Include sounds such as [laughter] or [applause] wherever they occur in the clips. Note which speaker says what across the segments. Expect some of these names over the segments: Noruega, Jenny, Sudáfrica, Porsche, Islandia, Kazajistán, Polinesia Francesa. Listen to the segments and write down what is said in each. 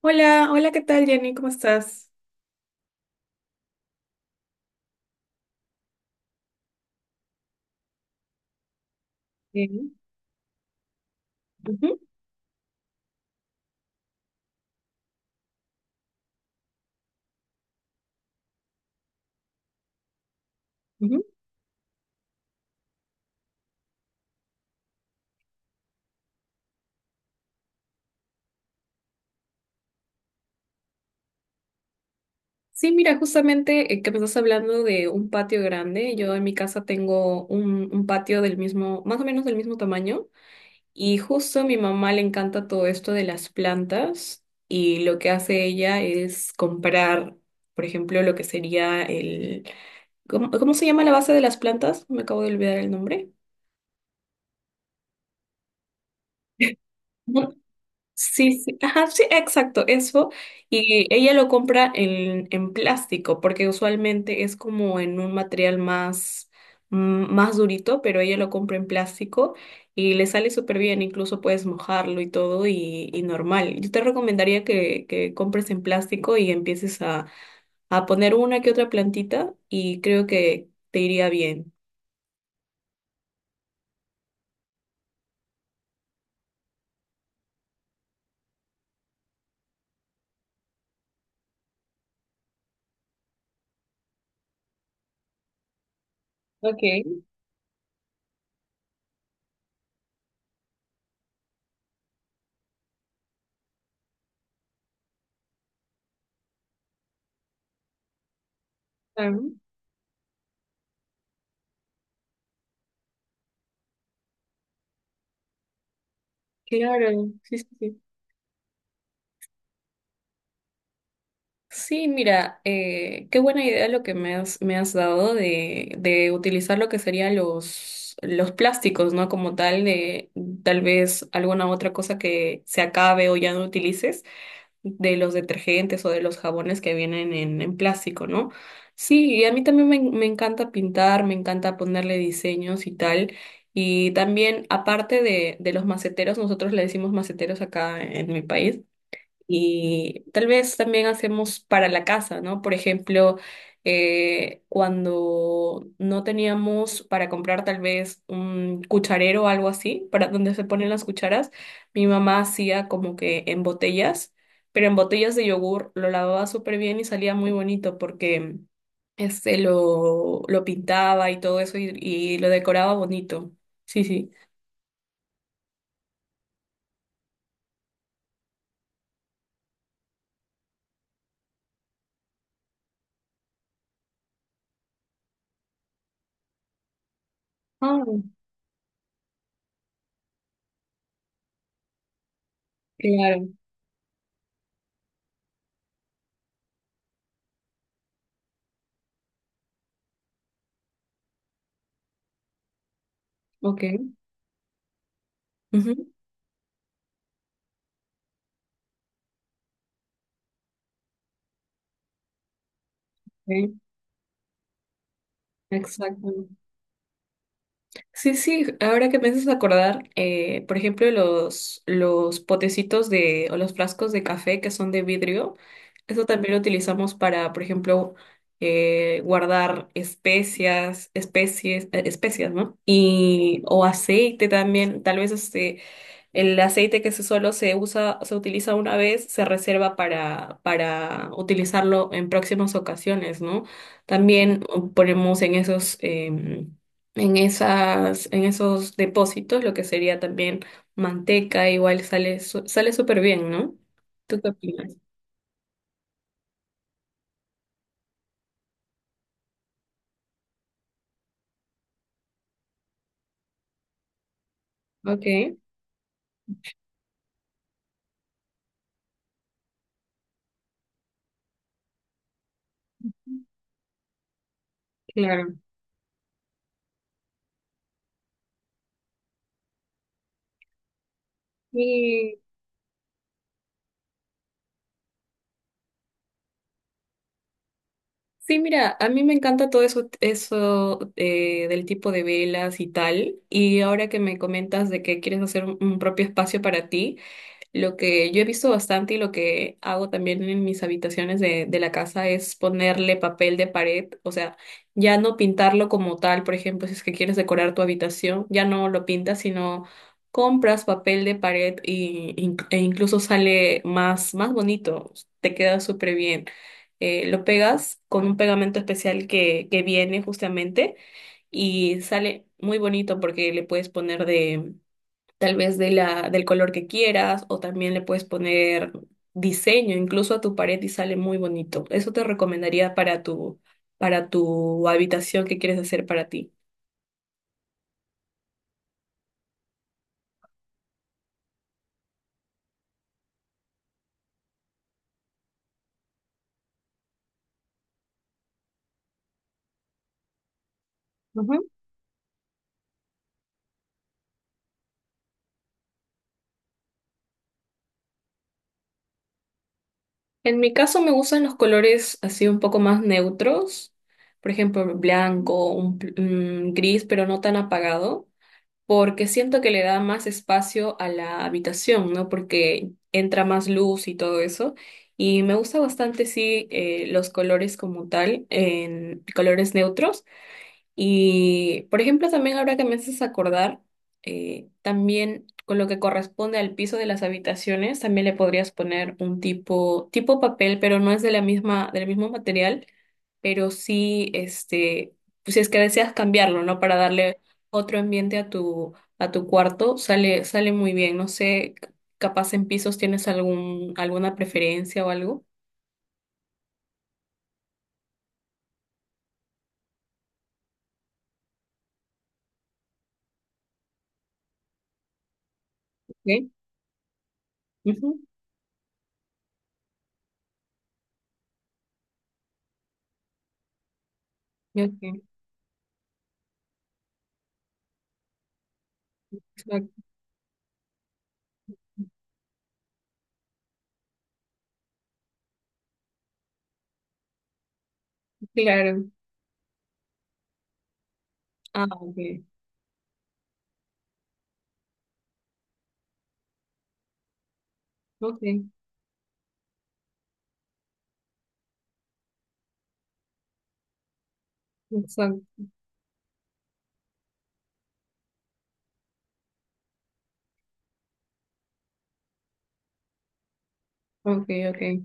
Speaker 1: Hola, hola, ¿qué tal, Jenny? ¿Cómo estás? Bien. Ujú, ujú. Sí, mira, justamente que me estás hablando de un patio grande. Yo en mi casa tengo un patio del mismo, más o menos del mismo tamaño. Y justo a mi mamá le encanta todo esto de las plantas. Y lo que hace ella es comprar, por ejemplo, lo que sería el... ¿Cómo se llama la base de las plantas? Me acabo de olvidar el nombre. Sí, sí, ajá, sí, exacto, eso. Y ella lo compra en plástico, porque usualmente es como en un material más, más durito, pero ella lo compra en plástico y le sale súper bien, incluso puedes mojarlo y todo y normal. Yo te recomendaría que compres en plástico y empieces a poner una que otra plantita y creo que te iría bien. Ok, ah, claro, sí, sí, sí. Sí, mira, qué buena idea lo que me has dado de utilizar lo que serían los plásticos, ¿no? Como tal, de tal vez alguna otra cosa que se acabe o ya no utilices, de los detergentes o de los jabones que vienen en plástico, ¿no? Sí, y a mí también me encanta pintar, me encanta ponerle diseños y tal. Y también, aparte de los maceteros, nosotros le decimos maceteros acá en mi país y tal vez también hacemos para la casa, ¿no? Por ejemplo, cuando no teníamos para comprar tal vez un cucharero o algo así, para donde se ponen las cucharas, mi mamá hacía como que en botellas, pero en botellas de yogur lo lavaba súper bien y salía muy bonito porque este lo pintaba y todo eso y lo decoraba bonito. Sí, sí. Ah, claro, ok. Ujú, sí, exacto. Sí, sí, ahora que me haces acordar, por ejemplo, los potecitos de, o los frascos de café que son de vidrio, eso también lo utilizamos para, por ejemplo, guardar especias, especies, especias, ¿no? Y, o aceite también, tal vez este, el aceite que se solo se usa, se utiliza una vez, se reserva para utilizarlo en próximas ocasiones, ¿no? También ponemos en esos, en esas, en esos depósitos lo que sería también manteca, igual sale, sale súper bien, ¿no? ¿Tú qué opinas? Ok, claro. Y sí, mira, a mí me encanta todo eso, eso del tipo de velas y tal. Y ahora que me comentas de que quieres hacer un propio espacio para ti. Lo que yo he visto bastante y lo que hago también en mis habitaciones de la casa es ponerle papel de pared, o sea, ya no pintarlo como tal, por ejemplo, si es que quieres decorar tu habitación, ya no lo pintas, sino compras papel de pared y, e incluso sale más, más bonito, te queda súper bien. Lo pegas con un pegamento especial que viene justamente y sale muy bonito porque le puedes poner tal vez de la, del color que quieras, o también le puedes poner diseño incluso a tu pared y sale muy bonito. Eso te recomendaría para tu habitación que quieres hacer para ti. Ujú. En mi caso me gustan los colores así un poco más neutros, por ejemplo, blanco, un gris, pero no tan apagado, porque siento que le da más espacio a la habitación, ¿no? Porque entra más luz y todo eso. Y me gusta bastante, sí, los colores como tal, en colores neutros. Y, por ejemplo, también ahora que me haces acordar, también con lo que corresponde al piso de las habitaciones, también le podrías poner un tipo, tipo papel, pero no es de la misma, del mismo material, pero sí, este, pues si es que deseas cambiarlo, ¿no? Para darle otro ambiente a tu cuarto, sale, sale muy bien. No sé, capaz en pisos tienes algún, alguna preferencia o algo. Ok. Ujú. Ok. Exacto. Claro. Ah, ok. Ok. Exacto. Ok, ok.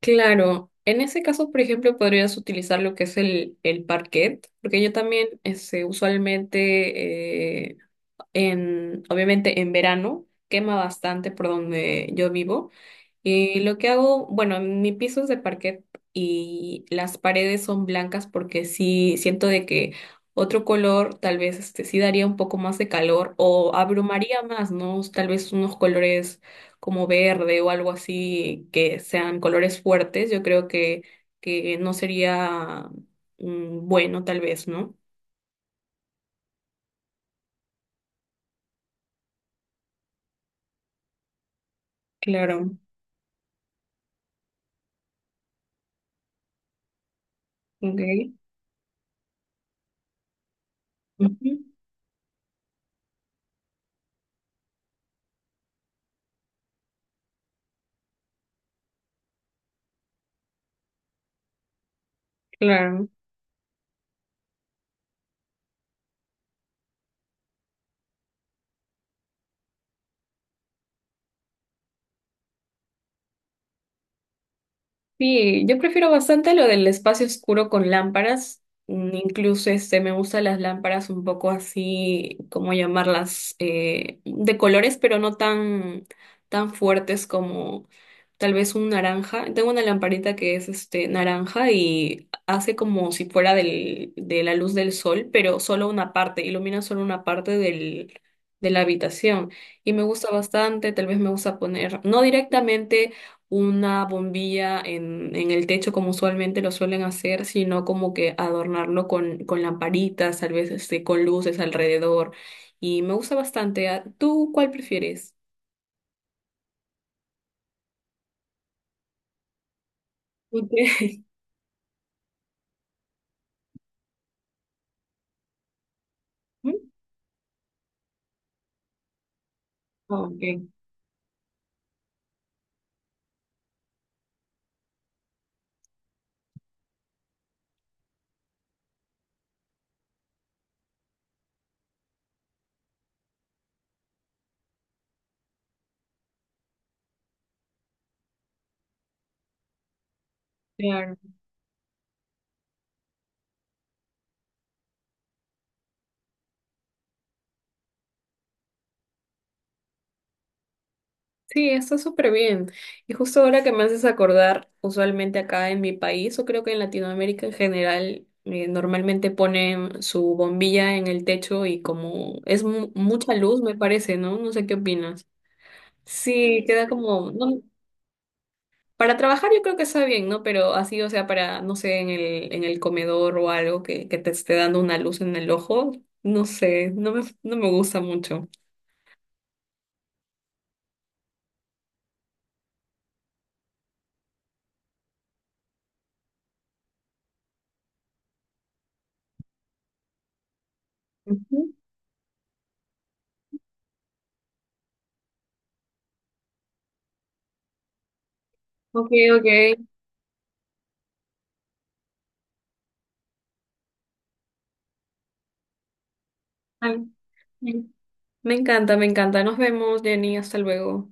Speaker 1: Claro, en ese caso, por ejemplo, podrías utilizar lo que es el parquet, porque yo también este, usualmente, obviamente en verano, quema bastante por donde yo vivo. Y lo que hago, bueno, mi piso es de parquet y las paredes son blancas porque sí siento de que otro color tal vez este sí daría un poco más de calor o abrumaría más, ¿no? Tal vez unos colores como verde o algo así que sean colores fuertes, yo creo que no sería bueno tal vez, ¿no? Claro, ok. Ujú, claro. Sí, yo prefiero bastante lo del espacio oscuro con lámparas. Mm, incluso este me gustan las lámparas un poco así, ¿cómo llamarlas? De colores, pero no tan, tan fuertes como tal vez un naranja. Tengo una lamparita que es este naranja y hace como si fuera del, de la luz del sol, pero solo una parte, ilumina solo una parte del, de la habitación. Y me gusta bastante, tal vez me gusta poner, no directamente una bombilla en el techo como usualmente lo suelen hacer, sino como que adornarlo con lamparitas, tal vez este, con luces alrededor. Y me gusta bastante. Ah, ¿Tú cuál prefieres? ¿Tú [laughs] Ok, claro. Sí, está súper bien. Y justo ahora que me haces acordar, usualmente acá en mi país, o creo que en Latinoamérica en general, normalmente ponen su bombilla en el techo y como es mucha luz, me parece, ¿no? No sé qué opinas. Sí, queda como, no, para trabajar yo creo que está bien, ¿no? Pero así, o sea, para, no sé, en el comedor o algo que te esté dando una luz en el ojo, no sé, no me gusta mucho. Ujú. Ok, ok. Ay, Me me encanta, me encanta. Nos vemos, Jenny, hasta luego.